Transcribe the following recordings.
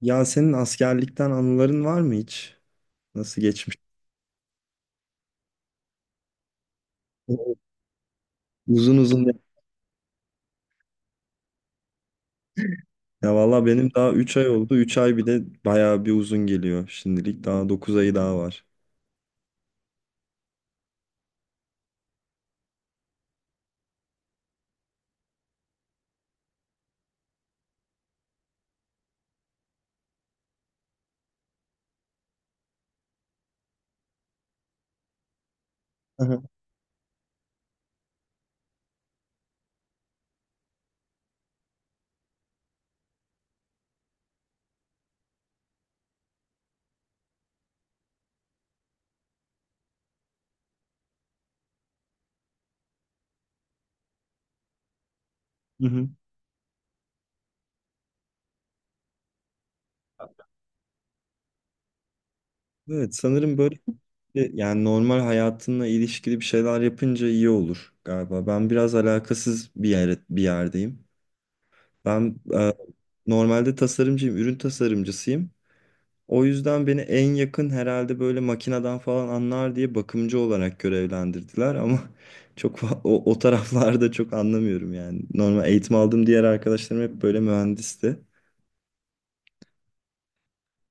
Ya senin askerlikten anıların var mı hiç? Nasıl geçmiş? Uzun uzun. Ya valla benim daha 3 ay oldu. 3 ay bir de bayağı bir uzun geliyor şimdilik. Daha 9 ayı daha var. Aha. Hı hı. Evet, sanırım böyle yani normal hayatınla ilişkili bir şeyler yapınca iyi olur galiba. Ben biraz alakasız bir yerdeyim. Ben normalde tasarımcıyım, ürün tasarımcısıyım. O yüzden beni en yakın herhalde böyle makineden falan anlar diye bakımcı olarak görevlendirdiler ama o taraflarda çok anlamıyorum yani. Normal eğitim aldığım diğer arkadaşlarım hep böyle mühendisti.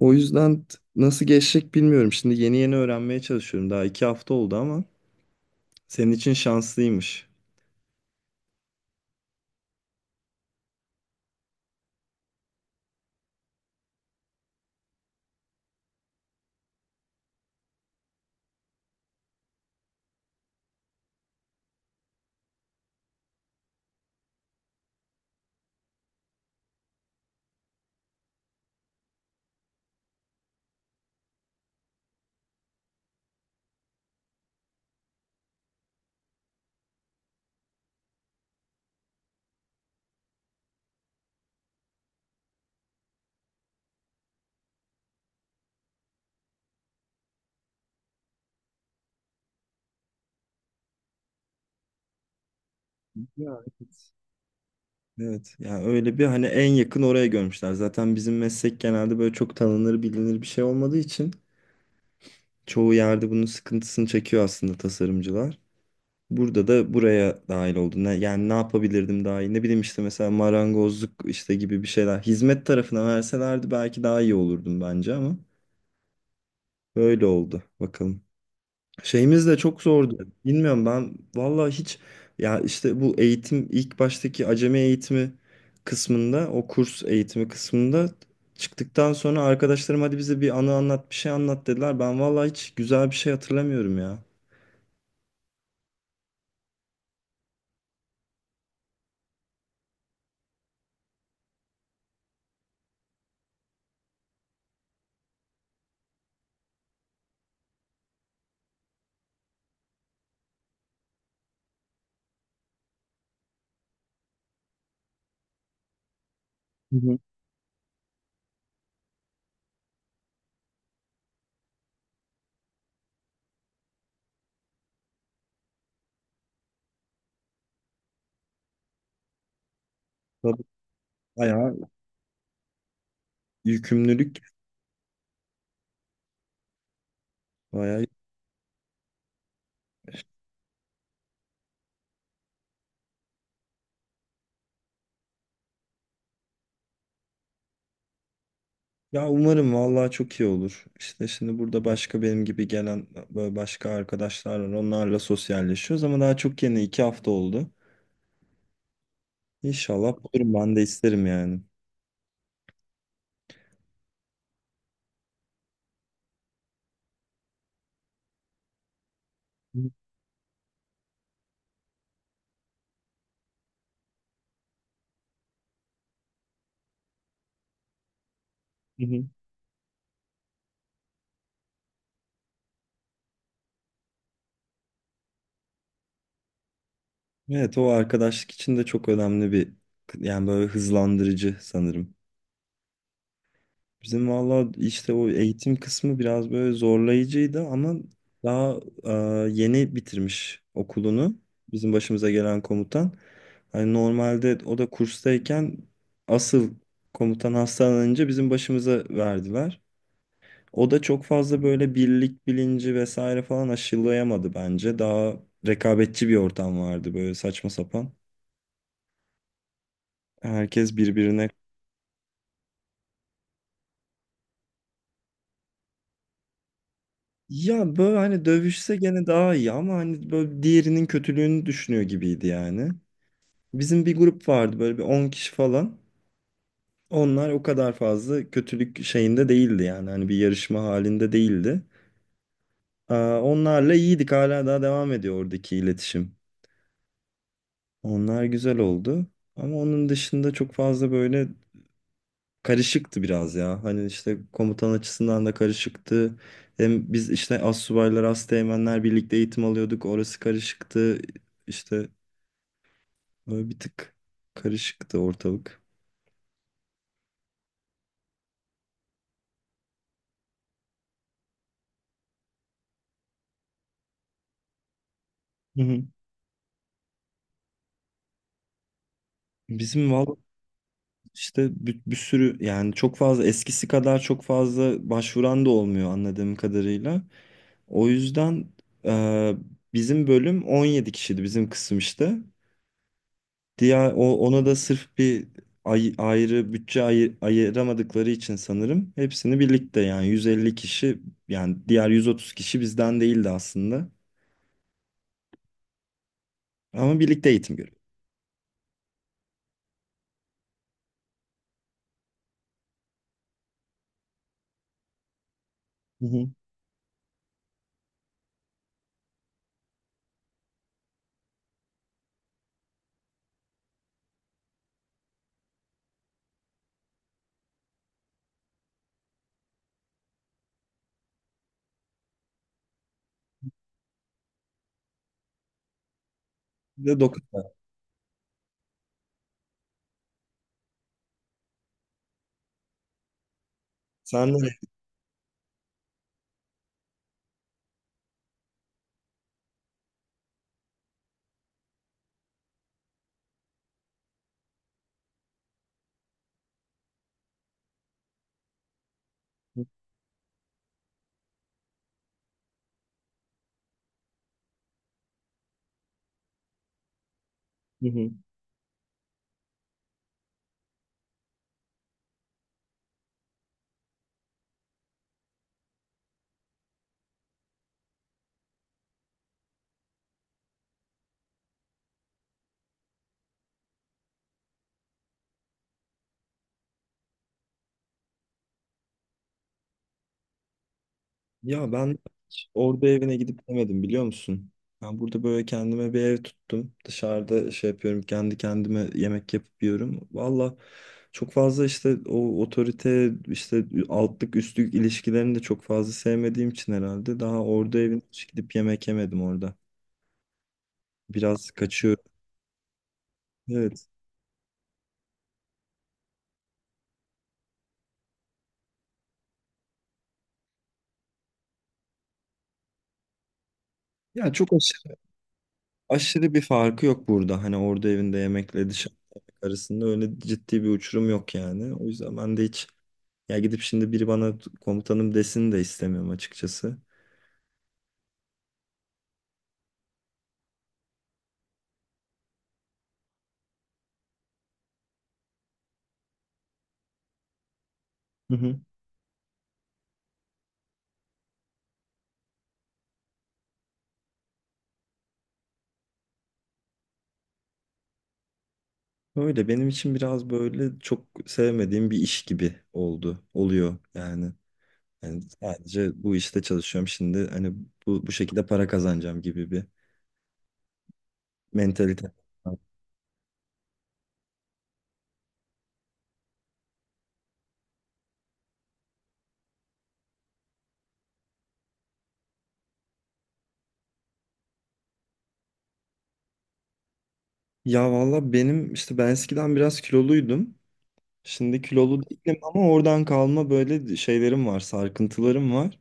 O yüzden nasıl geçecek bilmiyorum. Şimdi yeni yeni öğrenmeye çalışıyorum. Daha 2 hafta oldu ama senin için şanslıymış. Ya, evet. Evet, yani öyle bir hani en yakın oraya görmüşler. Zaten bizim meslek genelde böyle çok tanınır bilinir bir şey olmadığı için çoğu yerde bunun sıkıntısını çekiyor aslında tasarımcılar. Burada da buraya dahil oldum. Yani ne yapabilirdim daha iyi? Ne bileyim işte mesela marangozluk işte gibi bir şeyler. Hizmet tarafına verselerdi belki daha iyi olurdum bence ama böyle oldu. Bakalım. Şeyimiz de çok zordu. Bilmiyorum ben vallahi hiç. Ya işte bu eğitim ilk baştaki acemi eğitimi kısmında, o kurs eğitimi kısmında çıktıktan sonra arkadaşlarım hadi bize bir anı anlat bir şey anlat dediler. Ben vallahi hiç güzel bir şey hatırlamıyorum ya. Hı hı. Tabii. Bayağı yükümlülük, bayağı. Ya umarım vallahi çok iyi olur. İşte şimdi burada başka benim gibi gelen böyle başka arkadaşlar var. Onlarla sosyalleşiyoruz ama daha çok yeni 2 hafta oldu. İnşallah bulurum, ben de isterim yani. Hı hı. Evet, o arkadaşlık için de çok önemli bir, yani böyle hızlandırıcı sanırım. Bizim valla işte o eğitim kısmı biraz böyle zorlayıcıydı ama daha e, yeni bitirmiş okulunu bizim başımıza gelen komutan. Hani normalde o da kurstayken asıl komutan hastalanınca bizim başımıza verdiler. O da çok fazla böyle birlik bilinci vesaire falan aşılayamadı bence. Daha rekabetçi bir ortam vardı, böyle saçma sapan. Herkes birbirine. Ya böyle hani dövüşse gene daha iyi ama hani böyle diğerinin kötülüğünü düşünüyor gibiydi yani. Bizim bir grup vardı, böyle bir 10 kişi falan. Onlar o kadar fazla kötülük şeyinde değildi yani. Hani bir yarışma halinde değildi. Aa, onlarla iyiydik, hala daha devam ediyor oradaki iletişim. Onlar güzel oldu. Ama onun dışında çok fazla böyle karışıktı biraz ya. Hani işte komutan açısından da karışıktı. Hem biz işte astsubaylar, asteğmenler birlikte eğitim alıyorduk. Orası karışıktı. İşte böyle bir tık karışıktı ortalık. Hı hı. Bizim valla işte bir sürü yani çok fazla eskisi kadar çok fazla başvuran da olmuyor anladığım kadarıyla. O yüzden e, bizim bölüm 17 kişiydi, bizim kısım işte. Diğer ona da sırf bir ayrı bütçe ayıramadıkları için sanırım hepsini birlikte, yani 150 kişi, yani diğer 130 kişi bizden değildi aslında. Ama birlikte eğitim görüyor. Hı hı. Ve dokuz. Sen de. Hı hı. Ya ben. Orada evine gidip demedim biliyor musun? Ben burada böyle kendime bir ev tuttum. Dışarıda şey yapıyorum, kendi kendime yemek yapıp yiyorum. Valla çok fazla işte o otorite işte altlık üstlük ilişkilerini de çok fazla sevmediğim için herhalde daha orada evine hiç gidip yemek yemedim orada. Biraz kaçıyorum. Evet. Ya çok aşırı, aşırı bir farkı yok burada. Hani orada evinde yemekle dışarıda yemek arasında öyle ciddi bir uçurum yok yani. O yüzden ben de hiç. Ya gidip şimdi biri bana komutanım desin de istemiyorum açıkçası. Hı hı. Öyle benim için biraz böyle çok sevmediğim bir iş gibi oldu. Oluyor yani. Yani sadece bu işte çalışıyorum şimdi. Hani bu şekilde para kazanacağım gibi bir mentalite. Ya valla benim işte ben eskiden biraz kiloluydum. Şimdi kilolu değilim ama oradan kalma böyle şeylerim var, sarkıntılarım var.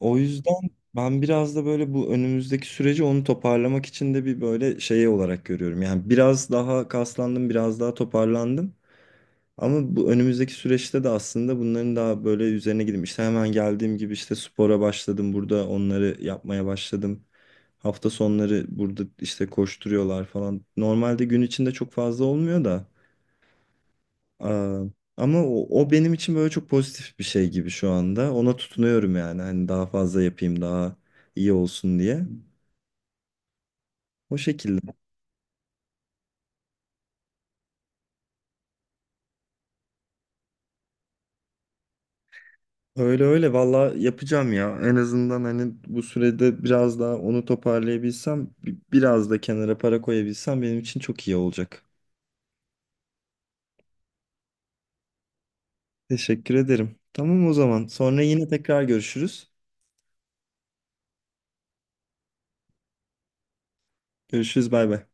O yüzden ben biraz da böyle bu önümüzdeki süreci onu toparlamak için de bir böyle şey olarak görüyorum. Yani biraz daha kaslandım, biraz daha toparlandım. Ama bu önümüzdeki süreçte de aslında bunların daha böyle üzerine gideyim. İşte hemen geldiğim gibi işte spora başladım. Burada onları yapmaya başladım. Hafta sonları burada işte koşturuyorlar falan. Normalde gün içinde çok fazla olmuyor da. Aa, ama o benim için böyle çok pozitif bir şey gibi şu anda. Ona tutunuyorum yani. Hani daha fazla yapayım, daha iyi olsun diye. O şekilde. Öyle öyle valla yapacağım ya. En azından hani bu sürede biraz daha onu toparlayabilsem, biraz da kenara para koyabilsem benim için çok iyi olacak. Teşekkür ederim. Tamam o zaman. Sonra yine tekrar görüşürüz. Görüşürüz, bay bay.